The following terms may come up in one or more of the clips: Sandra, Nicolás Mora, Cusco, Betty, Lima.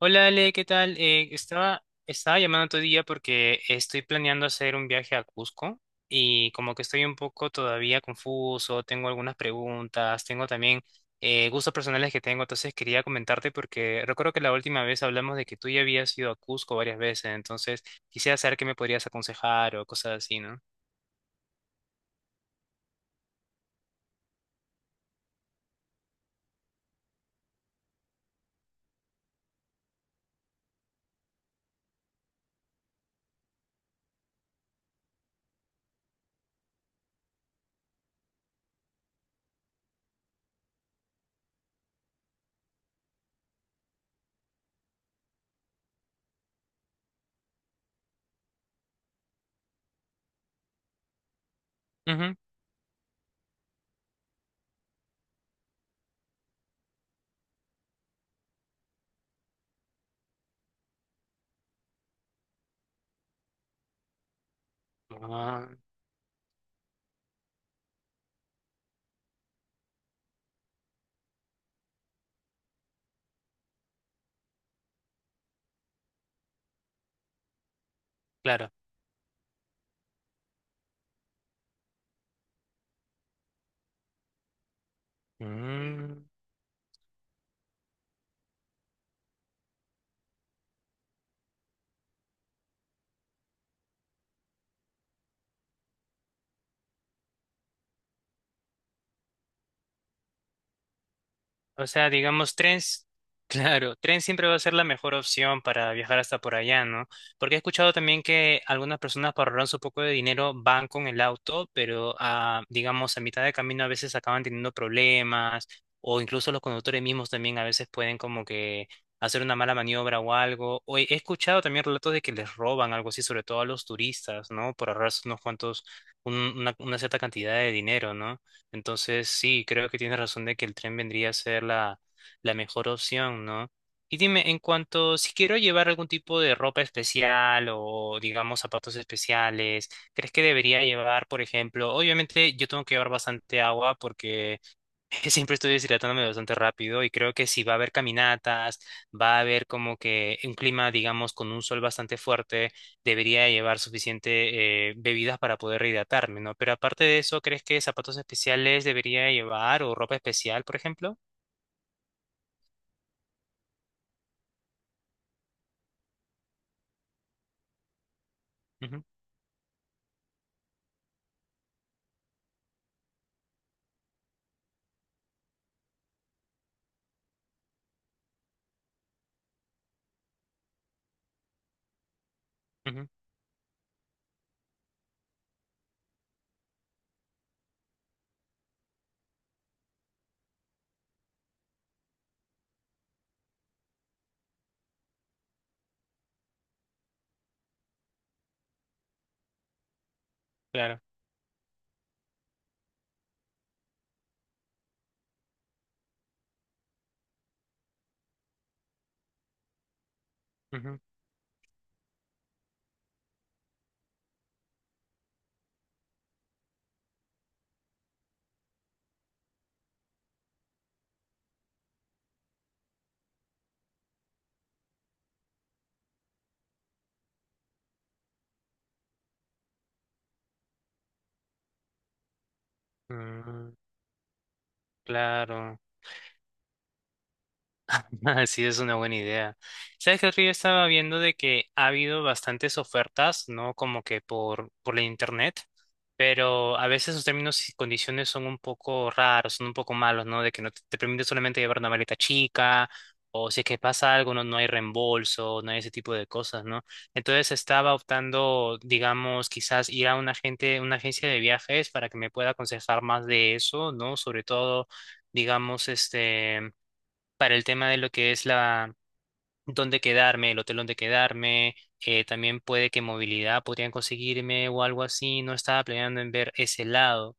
Hola Ale, ¿qué tal? Estaba llamando otro día porque estoy planeando hacer un viaje a Cusco y como que estoy un poco todavía confuso, tengo algunas preguntas, tengo también gustos personales que tengo. Entonces quería comentarte porque recuerdo que la última vez hablamos de que tú ya habías ido a Cusco varias veces, entonces quisiera saber qué me podrías aconsejar o cosas así, ¿no? Ujú. Ah, claro. O sea, digamos, tren, claro, tren siempre va a ser la mejor opción para viajar hasta por allá, ¿no? Porque he escuchado también que algunas personas para ahorrar su poco de dinero van con el auto, pero ah, digamos, a mitad de camino a veces acaban teniendo problemas, o incluso los conductores mismos también a veces pueden como que hacer una mala maniobra o algo. O he escuchado también relatos de que les roban algo así, sobre todo a los turistas, ¿no? Por ahorrarse unos cuantos, una cierta cantidad de dinero, ¿no? Entonces, sí, creo que tienes razón de que el tren vendría a ser la, la mejor opción, ¿no? Y dime, en cuanto si quiero llevar algún tipo de ropa especial o, digamos, zapatos especiales, ¿crees que debería llevar, por ejemplo? Obviamente yo tengo que llevar bastante agua porque siempre estoy deshidratándome bastante rápido, y creo que si va a haber caminatas, va a haber como que un clima, digamos, con un sol bastante fuerte, debería llevar suficiente bebidas para poder rehidratarme, ¿no? Pero aparte de eso, ¿crees que zapatos especiales debería llevar o ropa especial, por ejemplo? Ujú, ujú, claro. Ujú, mm, claro. Sí, es una buena idea. ¿Sabes qué, Río? Estaba viendo de que ha habido bastantes ofertas, ¿no? Como que por la internet, pero a veces los términos y condiciones son un poco raros, son un poco malos, ¿no? De que no te, te permite solamente llevar una maleta chica, o si es que pasa algo, no, no hay reembolso, no hay ese tipo de cosas, ¿no? Entonces estaba optando, digamos, quizás ir a una agente, una agencia de viajes para que me pueda aconsejar más de eso, ¿no? Sobre todo, digamos, este, para el tema de lo que es la dónde quedarme, el hotel donde quedarme. También puede que movilidad podrían conseguirme o algo así, no estaba planeando en ver ese lado.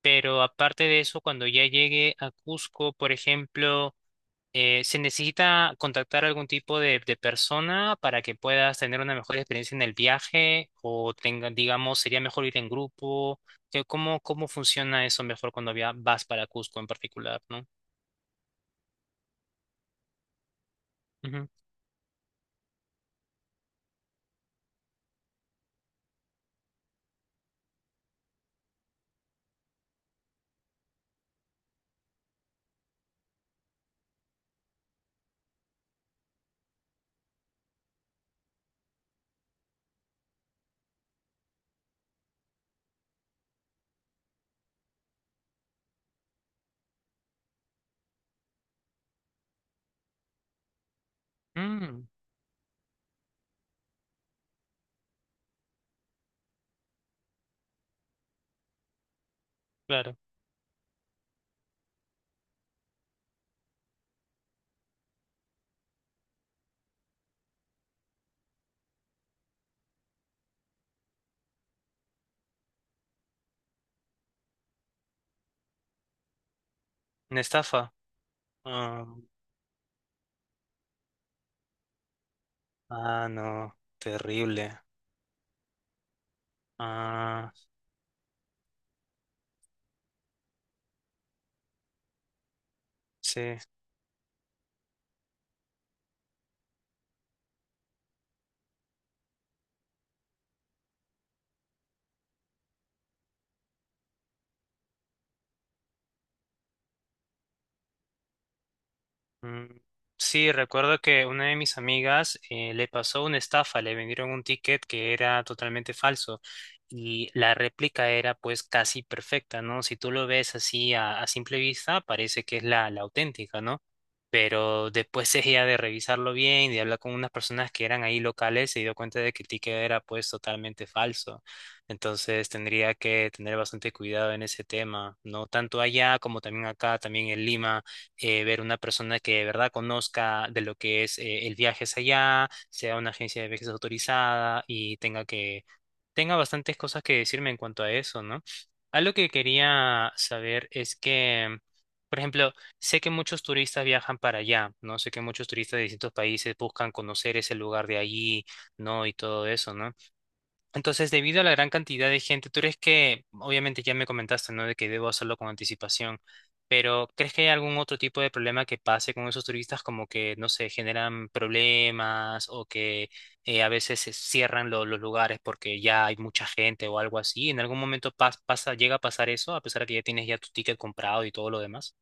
Pero aparte de eso, cuando ya llegue a Cusco, por ejemplo, ¿se necesita contactar algún tipo de persona para que puedas tener una mejor experiencia en el viaje? O tenga, digamos, sería mejor ir en grupo. ¿Cómo, cómo funciona eso mejor cuando vas para Cusco en particular, ¿no? Ujú. Mm, claro. Una estafa. Ah, ah, no, terrible. Ah, sí. Mm, sí, recuerdo que una de mis amigas le pasó una estafa, le vendieron un ticket que era totalmente falso, y la réplica era pues casi perfecta, ¿no? Si tú lo ves así a simple vista, parece que es la, la auténtica, ¿no? Pero después ella de revisarlo bien y de hablar con unas personas que eran ahí locales, se dio cuenta de que el ticket era pues totalmente falso. Entonces tendría que tener bastante cuidado en ese tema, ¿no? Tanto allá como también acá, también en Lima, ver una persona que de verdad conozca de lo que es el viaje hacia allá, sea una agencia de viajes autorizada y tenga que, tenga bastantes cosas que decirme en cuanto a eso, ¿no? Algo que quería saber es que, por ejemplo, sé que muchos turistas viajan para allá, ¿no? Sé que muchos turistas de distintos países buscan conocer ese lugar de allí, ¿no? Y todo eso, ¿no? Entonces, debido a la gran cantidad de gente, ¿tú crees que, obviamente ya me comentaste, ¿no? De que debo hacerlo con anticipación, pero ¿crees que hay algún otro tipo de problema que pase con esos turistas, como que, no sé, generan problemas o que a veces se cierran los lugares porque ya hay mucha gente o algo así? ¿En algún momento pasa, llega a pasar eso, a pesar de que ya tienes ya tu ticket comprado y todo lo demás?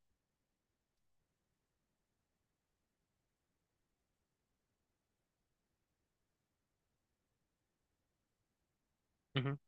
Ujú.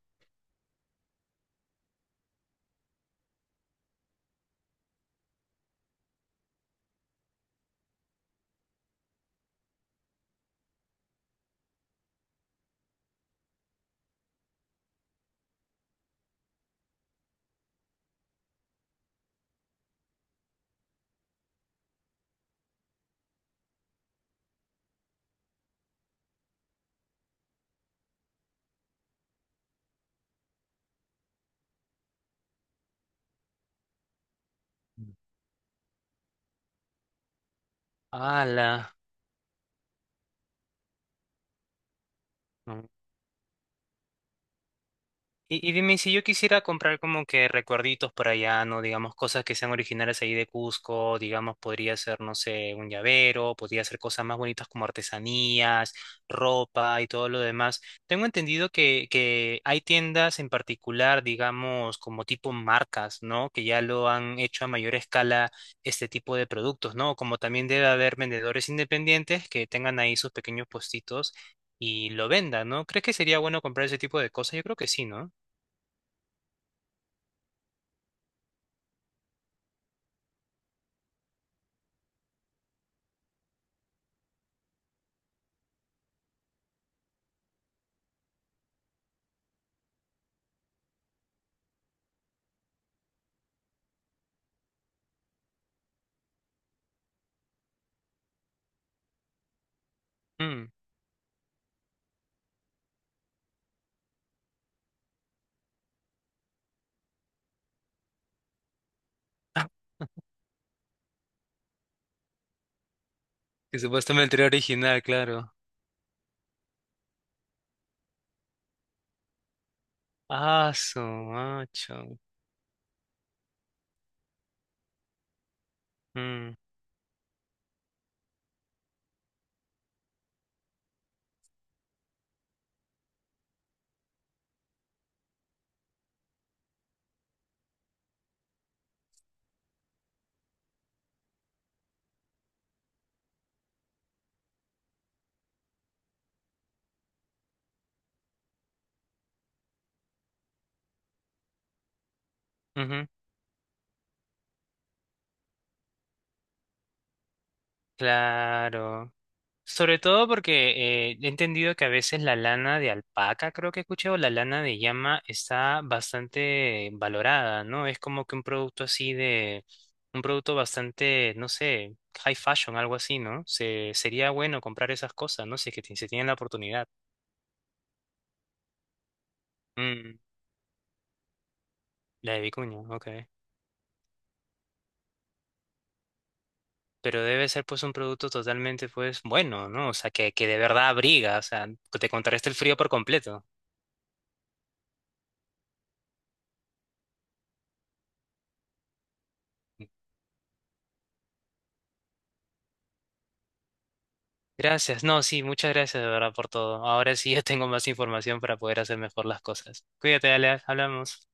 ¡Hala! No. Y dime, si yo quisiera comprar como que recuerditos para allá, ¿no? Digamos, cosas que sean originales ahí de Cusco, digamos, podría ser, no sé, un llavero, podría ser cosas más bonitas como artesanías, ropa y todo lo demás. Tengo entendido que hay tiendas en particular, digamos, como tipo marcas, ¿no? Que ya lo han hecho a mayor escala este tipo de productos, ¿no? Como también debe haber vendedores independientes que tengan ahí sus pequeños puestitos. Y lo vendan, ¿no? ¿Crees que sería bueno comprar ese tipo de cosas? Yo creo que sí, ¿no? Mm. Que supuestamente era original, claro. Ah, su macho. Mm, ujú, claro. Sobre todo porque he entendido que a veces la lana de alpaca, creo que he escuchado, la lana de llama está bastante valorada, ¿no? Es como que un producto así de, un producto bastante, no sé, high fashion, algo así, ¿no? Se, sería bueno comprar esas cosas, ¿no? Si es que se tiene la oportunidad. Mm, la de vicuña, ok. Pero debe ser pues un producto totalmente pues bueno, ¿no? O sea, que de verdad abriga, o sea, te contrarresta el frío por completo. Gracias, no, sí, muchas gracias de verdad por todo. Ahora sí ya tengo más información para poder hacer mejor las cosas. Cuídate, Alea, hablamos.